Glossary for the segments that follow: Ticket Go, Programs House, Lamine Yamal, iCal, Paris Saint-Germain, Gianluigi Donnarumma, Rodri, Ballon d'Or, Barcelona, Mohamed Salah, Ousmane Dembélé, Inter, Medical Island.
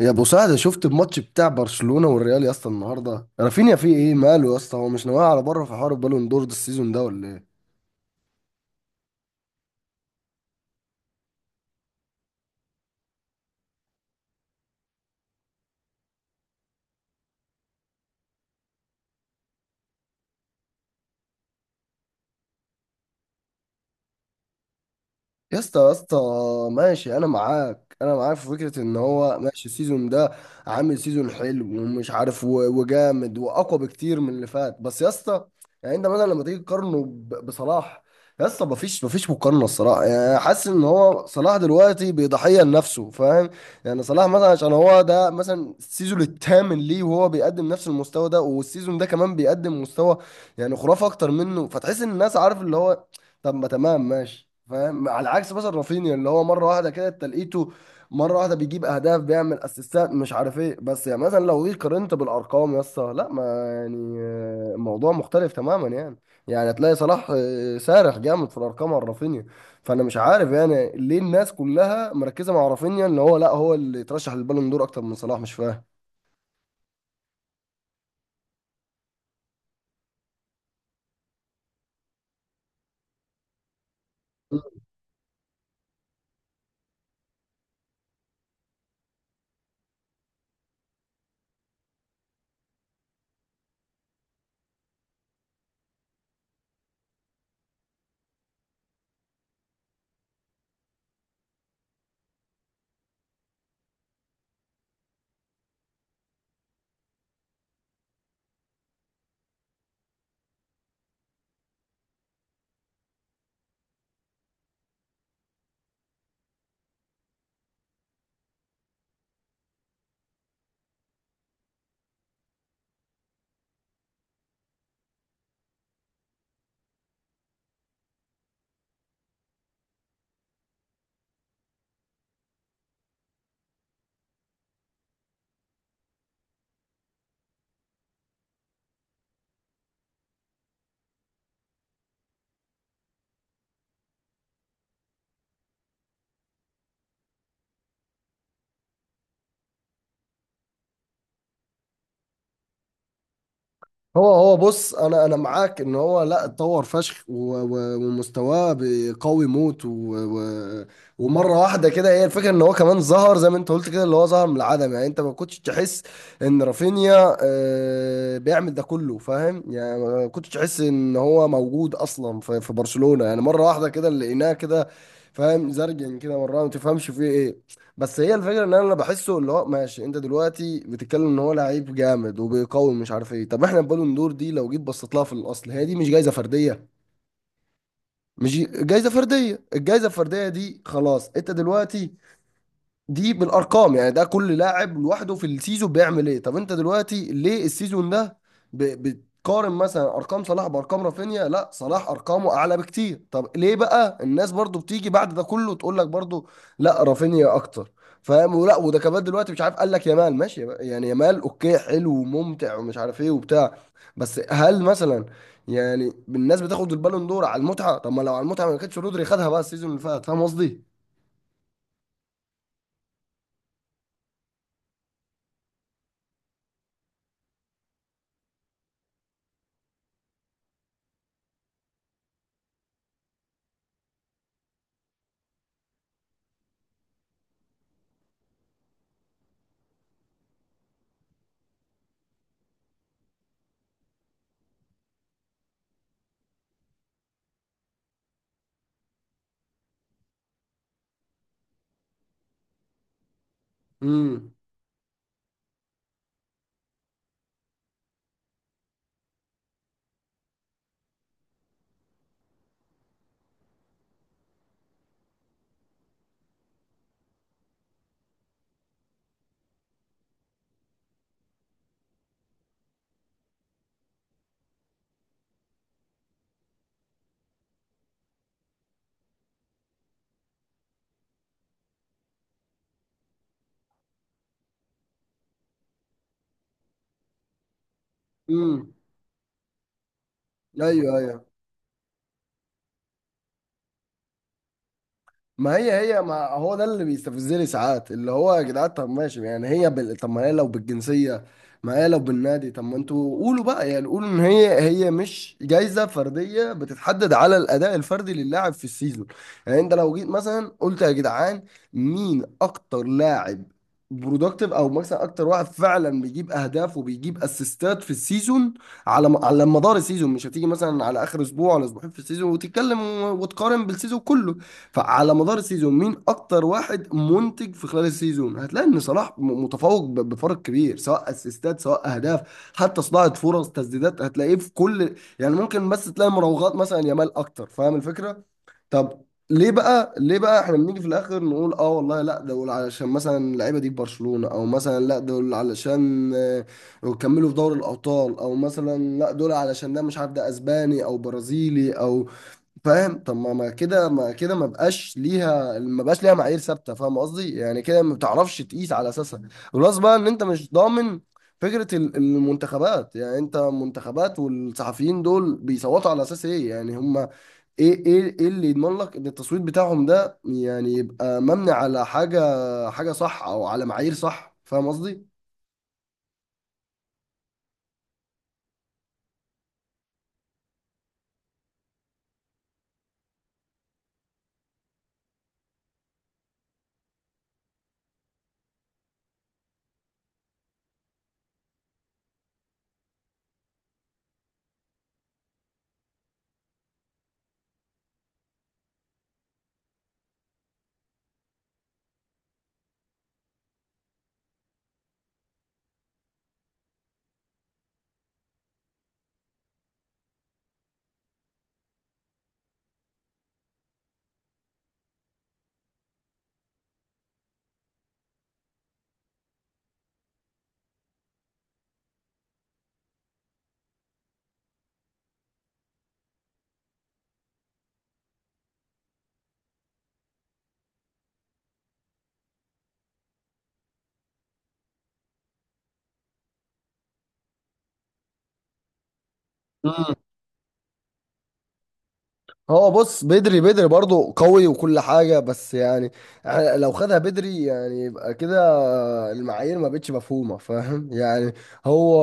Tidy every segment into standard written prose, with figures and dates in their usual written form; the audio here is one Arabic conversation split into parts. يا ابو سعد، شفت الماتش بتاع برشلونة والريال يا اسطى النهارده؟ رافينيا فيه ايه، ماله يا اسطى؟ هو مش ناوي على بره في حوار البالون دور ده السيزون ده ولا ايه؟ يا اسطى يا اسطى، ماشي، انا معاك في فكره ان هو ماشي السيزون ده، عامل سيزون حلو ومش عارف وجامد واقوى بكتير من اللي فات. بس يا اسطى، يعني انت مثلا لما تيجي تقارنه بصلاح، يا اسطى مفيش مقارنه الصراحه. يعني حاسس ان هو صلاح دلوقتي بيضحيه لنفسه، فاهم؟ يعني صلاح مثلا عشان هو ده مثلا السيزون الثامن ليه وهو بيقدم نفس المستوى ده، والسيزون ده كمان بيقدم مستوى يعني خرافه اكتر منه، فتحس ان الناس عارف اللي هو، طب ما تمام، ماشي فاهم. على عكس مثلا رافينيا اللي هو مره واحده كده تلقيته مره واحده بيجيب اهداف، بيعمل اسيستات، مش عارف ايه. بس يعني مثلا لو جيت قارنت بالارقام يا اسطى، لا ما يعني آه، الموضوع مختلف تماما يعني. يعني هتلاقي صلاح آه، سارح جامد في الارقام عن رافينيا. فانا مش عارف يعني ليه الناس كلها مركزه مع رافينيا ان هو لا هو اللي يترشح للبالون دور اكتر من صلاح. مش فاهم. هو بص، انا معاك ان هو لا اتطور فشخ ومستواه قوي موت و و ومره واحده كده. هي الفكره ان هو كمان ظهر زي ما انت قلت كده، اللي هو ظهر من العدم. يعني انت ما كنتش تحس ان رافينيا آه، بيعمل ده كله، فاهم؟ يعني ما كنتش تحس ان هو موجود اصلا في برشلونه، يعني مره واحده كده لقيناه كده، فاهم؟ زرجن كده مره ما تفهمش فيه ايه. بس هي الفكره ان انا بحسه اللي هو ماشي. انت دلوقتي بتتكلم ان هو لعيب جامد وبيقوي مش عارف ايه، طب احنا البالون دور دي لو جيت بصيت لها في الاصل، هي دي مش جايزه فرديه؟ مش جايزه فرديه. الجايزه الفرديه دي خلاص انت دلوقتي، دي بالارقام، يعني ده كل لاعب لوحده في السيزون بيعمل ايه. طب انت دلوقتي ليه السيزون ده بتقارن مثلا ارقام صلاح بارقام رافينيا؟ لا، صلاح ارقامه اعلى بكتير. طب ليه بقى الناس برضو بتيجي بعد ده كله تقول لك برضو لا رافينيا اكتر؟ فاهم؟ ولا وده كمان دلوقتي مش عارف، قال لك يامال ماشي بقى، يعني يامال اوكي، حلو وممتع ومش عارف ايه وبتاع، بس هل مثلا يعني الناس بتاخد البالون دور على المتعه؟ طب ما لو على المتعه ما كانتش رودري خدها بقى السيزون اللي فات، فاهم قصدي؟ امم. امم. ايوه، ايوه. ما هي هي، ما هو ده اللي بيستفزني ساعات اللي هو يا جدعان، طب ماشي، يعني هي بال... طب ما هي لو بالجنسيه، ما هي لو بالنادي، طب ما انتوا قولوا بقى يعني، قولوا ان هي هي مش جايزه فرديه بتتحدد على الاداء الفردي للاعب في السيزون. يعني انت لو جيت مثلا قلت يا جدعان، مين اكتر لاعب برودكتيف او مثلا اكتر واحد فعلا بيجيب اهداف وبيجيب اسيستات في السيزون، على مدار السيزون، مش هتيجي مثلا على اخر اسبوع ولا اسبوعين في السيزون وتتكلم وتقارن بالسيزون كله. فعلى مدار السيزون مين اكتر واحد منتج في خلال السيزون؟ هتلاقي ان صلاح متفوق بفرق كبير، سواء اسيستات سواء اهداف، حتى صناعه فرص، تسديدات، هتلاقيه في كل يعني، ممكن بس تلاقي مراوغات مثلا يامال اكتر، فاهم الفكره؟ طب ليه بقى احنا بنيجي في الاخر نقول اه والله لا دول علشان مثلا اللعيبه دي في برشلونه، او مثلا لا دول علشان آه، يكملوا في دوري الابطال، او مثلا لا دول علشان ده مش عارف ده اسباني او برازيلي او، فاهم؟ طب ما كده ما بقاش ليها معايير ثابته، فاهم قصدي؟ يعني كده ما بتعرفش تقيس على اساسها. بلس بقى ان انت مش ضامن فكره المنتخبات، يعني انت منتخبات والصحفيين دول بيصوتوا على اساس ايه؟ يعني هم ايه اللي يضمن لك ان التصويت بتاعهم ده يعني يبقى مبني على حاجه حاجه صح او على معايير صح، فاهم قصدي؟ هو بص، بدري برضه قوي وكل حاجة، بس يعني لو خدها بدري يعني يبقى كده المعايير ما بقتش مفهومة، فاهم يعني؟ هو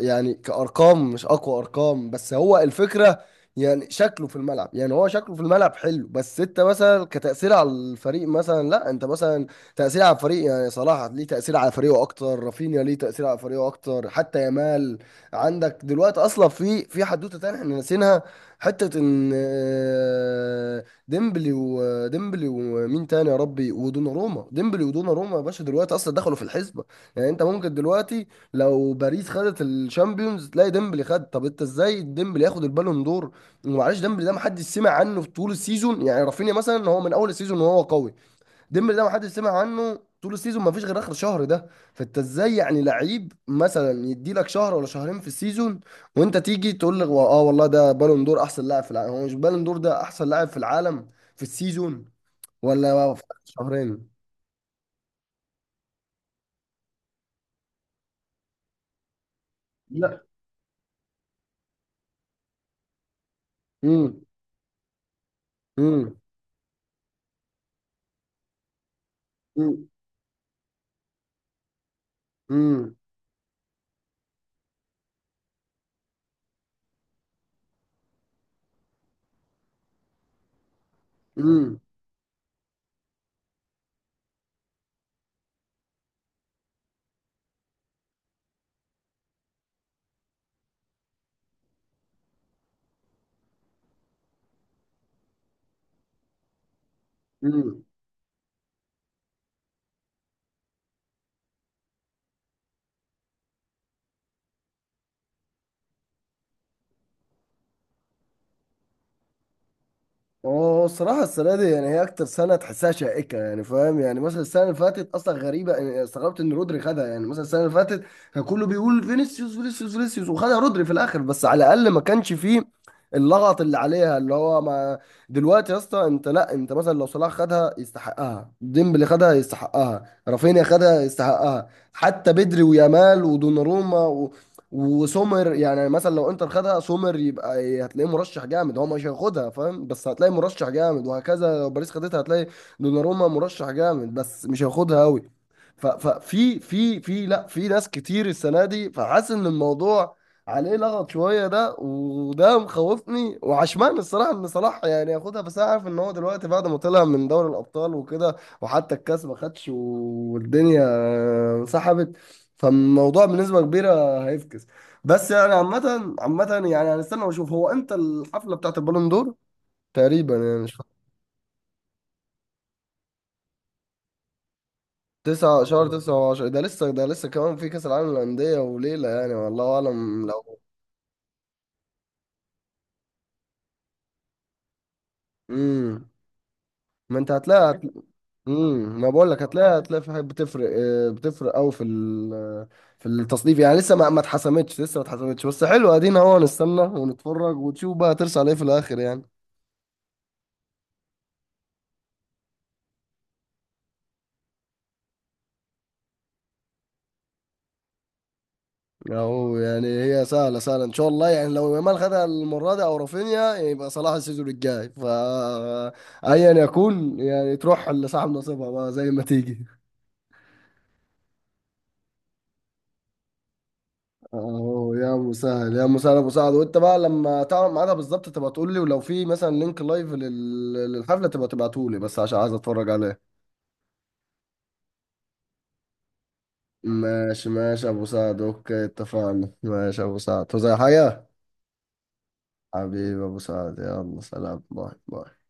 يعني كأرقام مش أقوى أرقام، بس هو الفكرة يعني شكله في الملعب، يعني هو شكله في الملعب حلو، بس انت مثلا كتأثير على الفريق مثلا، لا انت مثلا تأثير على الفريق، يعني صلاح ليه تأثير على فريقه اكتر، رافينيا ليه تأثير على فريقه اكتر، حتى يامال. عندك دلوقتي اصلا في حدوتة تانية احنا ناسينها، حتة ان آه، ديمبلي وديمبلي ومين تاني يا ربي ودوناروما ديمبلي ودوناروما يا باشا دلوقتي اصلا دخلوا في الحسبة. يعني انت ممكن دلوقتي لو باريس خدت الشامبيونز تلاقي ديمبلي خد. طب انت ازاي ديمبلي ياخد البالون دور؟ ومعلش ديمبلي ده محدش سمع عنه في طول السيزون، يعني رافينيا مثلا هو من اول السيزون وهو قوي، ديمبلي ده ما حدش سمع عنه طول السيزون ما فيش غير اخر شهر ده. فانت ازاي يعني لعيب مثلا يدي لك شهر ولا شهرين في السيزون وانت تيجي تقول لي اه والله ده بالون دور احسن لاعب في العالم؟ هو مش بالون دور ده احسن لاعب في العالم في السيزون، ولا في آخر شهرين؟ لا. امم. امم. امم. امم. هو الصراحة السنة دي يعني هي أكتر سنة تحسها شائكة، يعني فاهم؟ يعني مثلا السنة اللي فاتت أصلا غريبة، يعني استغربت إن رودري خدها. يعني مثلا السنة اللي فاتت كان كله بيقول فينيسيوس فينيسيوس فينيسيوس وخدها رودري في الآخر، بس على الأقل ما كانش فيه اللغط اللي عليها اللي هو ما، دلوقتي يا اسطى أنت، لا أنت مثلا لو صلاح خدها يستحقها، ديمبلي خدها يستحقها، رافينيا خدها يستحقها، حتى بدري ويامال ودوناروما وسومر. يعني مثلا لو انتر خدها سومر يبقى ايه، هتلاقيه مرشح جامد، هو مش هياخدها فاهم، بس هتلاقي مرشح جامد، وهكذا لو باريس خدتها هتلاقي دوناروما مرشح جامد بس مش هياخدها قوي. ففي في في لا، في ناس كتير السنه دي، فحاسس ان الموضوع عليه لغط شويه ده، وده مخوفني، وعشمان الصراحه ان صلاح يعني ياخدها، بس انا عارف ان هو دلوقتي بعد ما طلع من دوري الابطال وكده، وحتى الكاس ما خدش والدنيا سحبت، فالموضوع بنسبه كبيره هيفكس. بس يعني عامة عامة، يعني هنستنى واشوف هو امتى الحفلة بتاعت البالون دور تقريبا، يعني مش فاهم. 9، شهر 9 و10 ده لسه، ده لسه كمان في كأس العالم للأندية وليلة، يعني والله أعلم لو، امم. ما انت هتلاقي هت... امم، ما بقول لك هتلاقي في حاجات بتفرق آه، بتفرق قوي في ال... في التصنيف، يعني لسه ما اتحسمتش. بس حلو، ادينا اهو نستنى ونتفرج ونشوف بقى ترسى على ايه في الآخر يعني. اهو، يعني هي سهله سهله ان شاء الله، يعني لو يامال خدها المره دي او رافينيا يبقى صلاح السيزون الجاي، ف ايا يكون، يعني تروح لصاحب نصيبها بقى زي ما تيجي. اهو يا ابو سعد، وانت بقى لما تعرف ميعادها بالظبط تبقى تقول لي، ولو في مثلا لينك لايف للحفله تبقى تبعته لي، بس عشان عايز اتفرج عليه. ماشي ماشي يا ابو سعد، اوكي، اتفقنا. ماشي يا ابو سعد، تو زي حاجه. حبيبي يا ابو سعد، يلا سلام، باي باي.